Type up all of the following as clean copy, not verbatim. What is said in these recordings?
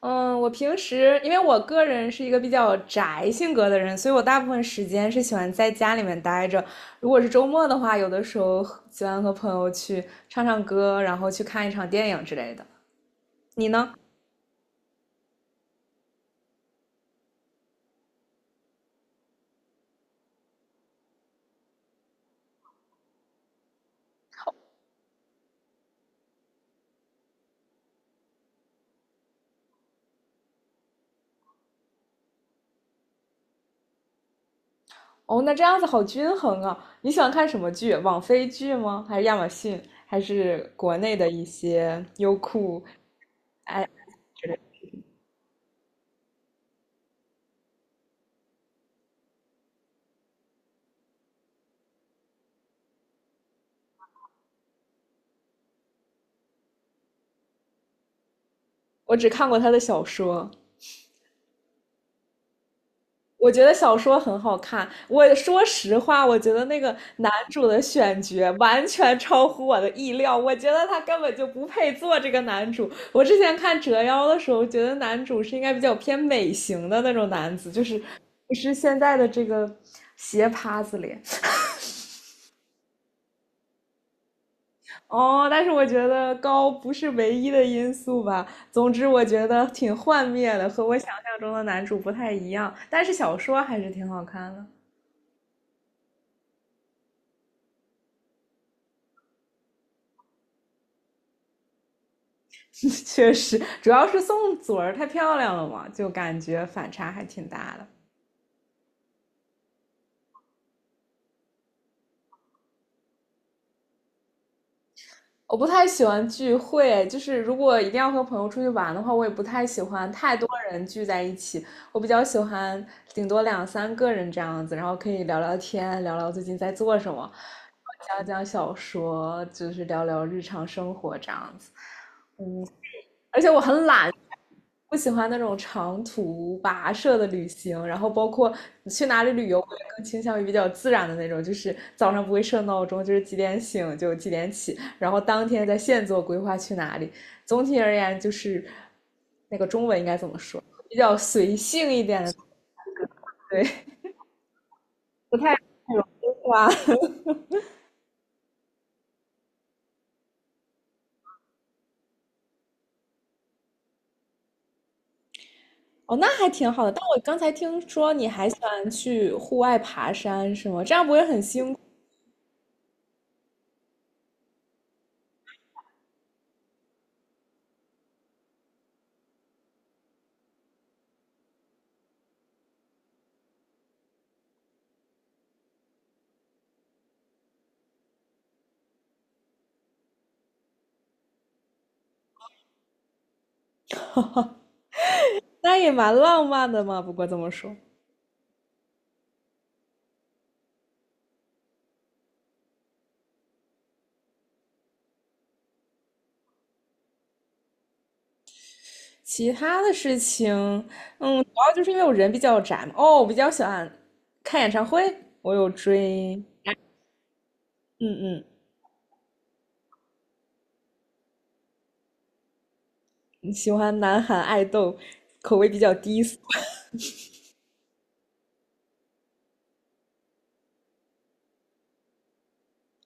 嗯，我平时因为我个人是一个比较宅性格的人，所以我大部分时间是喜欢在家里面待着。如果是周末的话，有的时候喜欢和朋友去唱唱歌，然后去看一场电影之类的。你呢？哦，那这样子好均衡啊！你喜欢看什么剧？网飞剧吗？还是亚马逊？还是国内的一些优酷？我只看过他的小说。我觉得小说很好看。我说实话，我觉得那个男主的选角完全超乎我的意料。我觉得他根本就不配做这个男主。我之前看《折腰》的时候，觉得男主是应该比较偏美型的那种男子，就是不是现在的这个斜趴子脸哦。但是我觉得高不是唯一的因素吧。总之，我觉得挺幻灭的，和我想象中的男主不太一样。但是小说还是挺好看的。确实，主要是宋祖儿太漂亮了嘛，就感觉反差还挺大的。我不太喜欢聚会，就是如果一定要和朋友出去玩的话，我也不太喜欢太多人聚在一起。我比较喜欢顶多两三个人这样子，然后可以聊聊天，聊聊最近在做什么，讲讲小说，就是聊聊日常生活这样子。嗯，而且我很懒，不喜欢那种长途跋涉的旅行，然后包括你去哪里旅游，我也更倾向于比较自然的那种，就是早上不会设闹钟，就是几点醒就几点起，然后当天在现做规划去哪里。总体而言，就是那个中文应该怎么说，比较随性一点的，对，不太花。哦，那还挺好的。但我刚才听说你还喜欢去户外爬山，是吗？这样不会很辛苦？那也蛮浪漫的嘛。不过这么说。其他的事情，嗯，主要就是因为我人比较宅嘛。哦，我比较喜欢看演唱会，我有追，嗯嗯，喜欢南韩爱豆，口味比较低俗。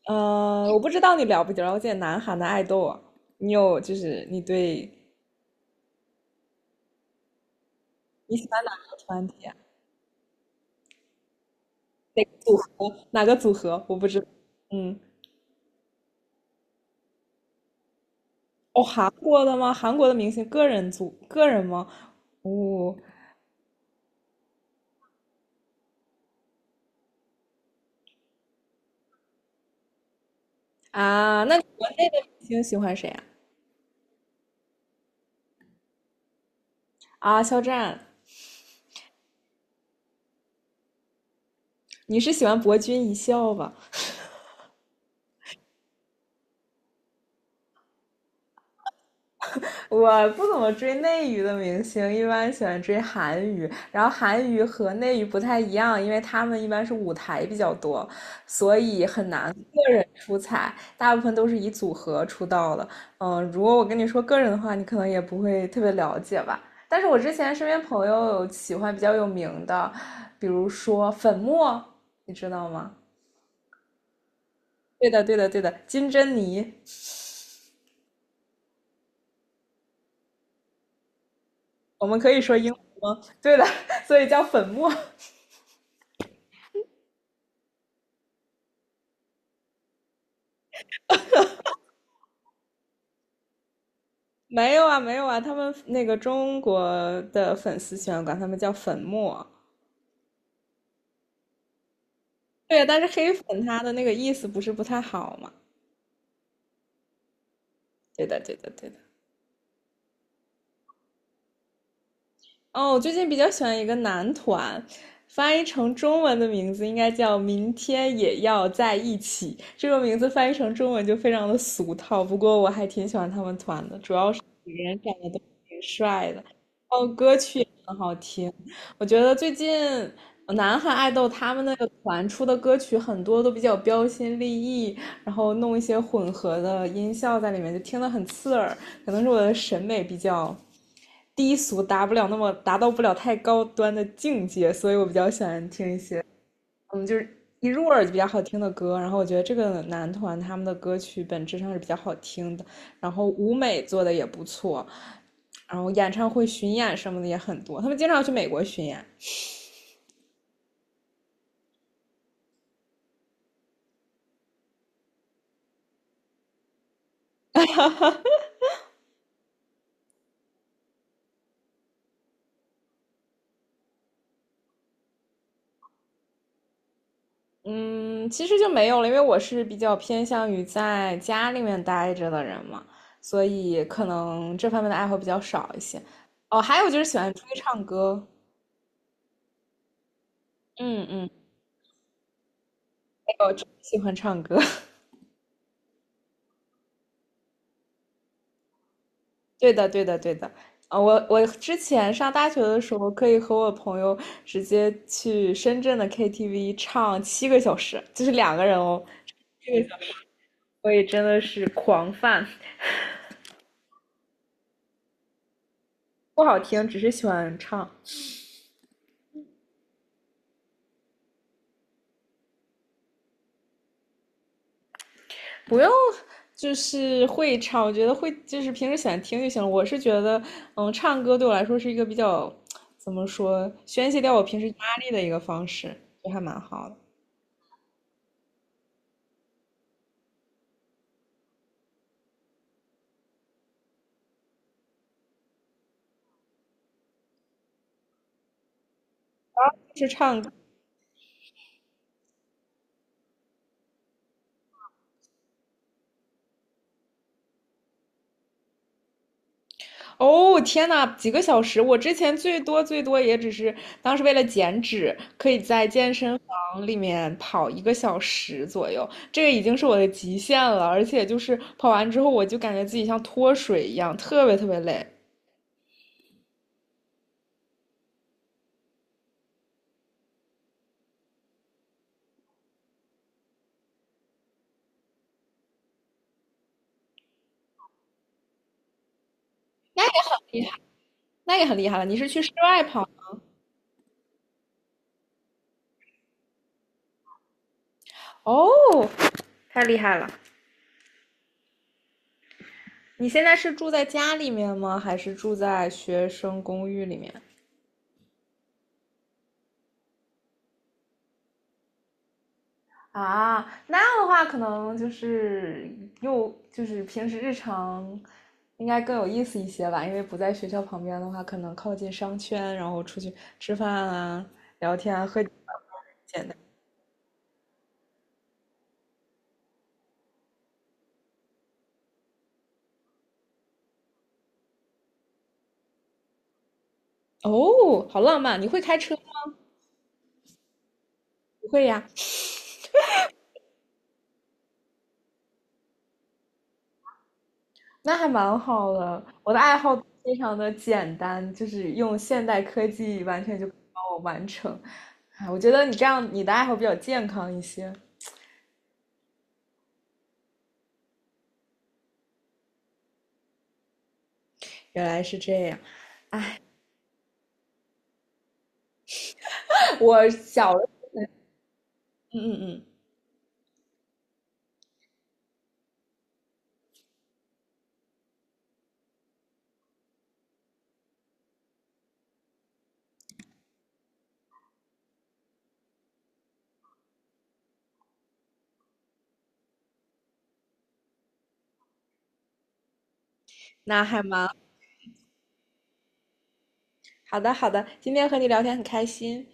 我不知道你了不了解南韩的爱豆啊？你有就是你对你喜欢哪个团体啊？哪个组合？哪个组合？我不知道。嗯，哦，韩国的吗？韩国的明星个人组个人吗？哦啊，那国内的明星喜欢谁啊？啊，肖战。你是喜欢博君一笑吧？我不怎么追内娱的明星，一般喜欢追韩娱。然后韩娱和内娱不太一样，因为他们一般是舞台比较多，所以很难个人出彩，大部分都是以组合出道的。嗯，如果我跟你说个人的话，你可能也不会特别了解吧。但是我之前身边朋友有喜欢比较有名的，比如说粉墨，你知道吗？对的，对的，对的，金珍妮。我们可以说英文吗？对的，所以叫粉末。没有啊，没有啊，他们那个中国的粉丝喜欢管他们叫粉末。对，但是黑粉他的那个意思不是不太好嘛？对的，对的，对的。哦，我最近比较喜欢一个男团，翻译成中文的名字应该叫"明天也要在一起"。这个名字翻译成中文就非常的俗套，不过我还挺喜欢他们团的，主要是每个人长得都挺帅的，哦，歌曲也很好听。我觉得最近南韩爱豆他们那个团出的歌曲很多都比较标新立异，然后弄一些混合的音效在里面，就听得很刺耳。可能是我的审美比较低俗，达到不了太高端的境界，所以我比较喜欢听一些，嗯，就是一入耳就比较好听的歌。然后我觉得这个男团他们的歌曲本质上是比较好听的，然后舞美做的也不错，然后演唱会巡演什么的也很多，他们经常去美国巡演。嗯，其实就没有了，因为我是比较偏向于在家里面待着的人嘛，所以可能这方面的爱好比较少一些。哦，还有就是喜欢出去唱歌，嗯嗯，我真的喜欢唱歌。对的，对的，对的。啊，我之前上大学的时候，可以和我朋友直接去深圳的 KTV 唱七个小时，就是2个人哦，七个小时，所以真的是狂 f 不好听，只是喜欢唱。不用，就是会唱，我觉得会就是平时喜欢听就行了。我是觉得，嗯，唱歌对我来说是一个比较怎么说，宣泄掉我平时压力的一个方式，就还蛮好的。是唱歌，哦，天呐，几个小时！我之前最多最多也只是当时为了减脂，可以在健身房里面跑1个小时左右，这个已经是我的极限了。而且就是跑完之后，我就感觉自己像脱水一样，特别特别累。厉害，那也很厉害了。你是去室外跑？哦，太厉害了！你现在是住在家里面吗？还是住在学生公寓里面？啊，那样的话可能就是又就是平时日常应该更有意思一些吧，因为不在学校旁边的话，可能靠近商圈，然后出去吃饭啊、聊天啊、喝酒啊简单。哦，好浪漫！你会开车吗？不会呀。那还蛮好的。我的爱好非常的简单，就是用现代科技完全就可以帮我完成。哎，我觉得你这样，你的爱好比较健康一些。原来是这样，我小，嗯嗯嗯，那还蛮好的，好的。今天和你聊天很开心。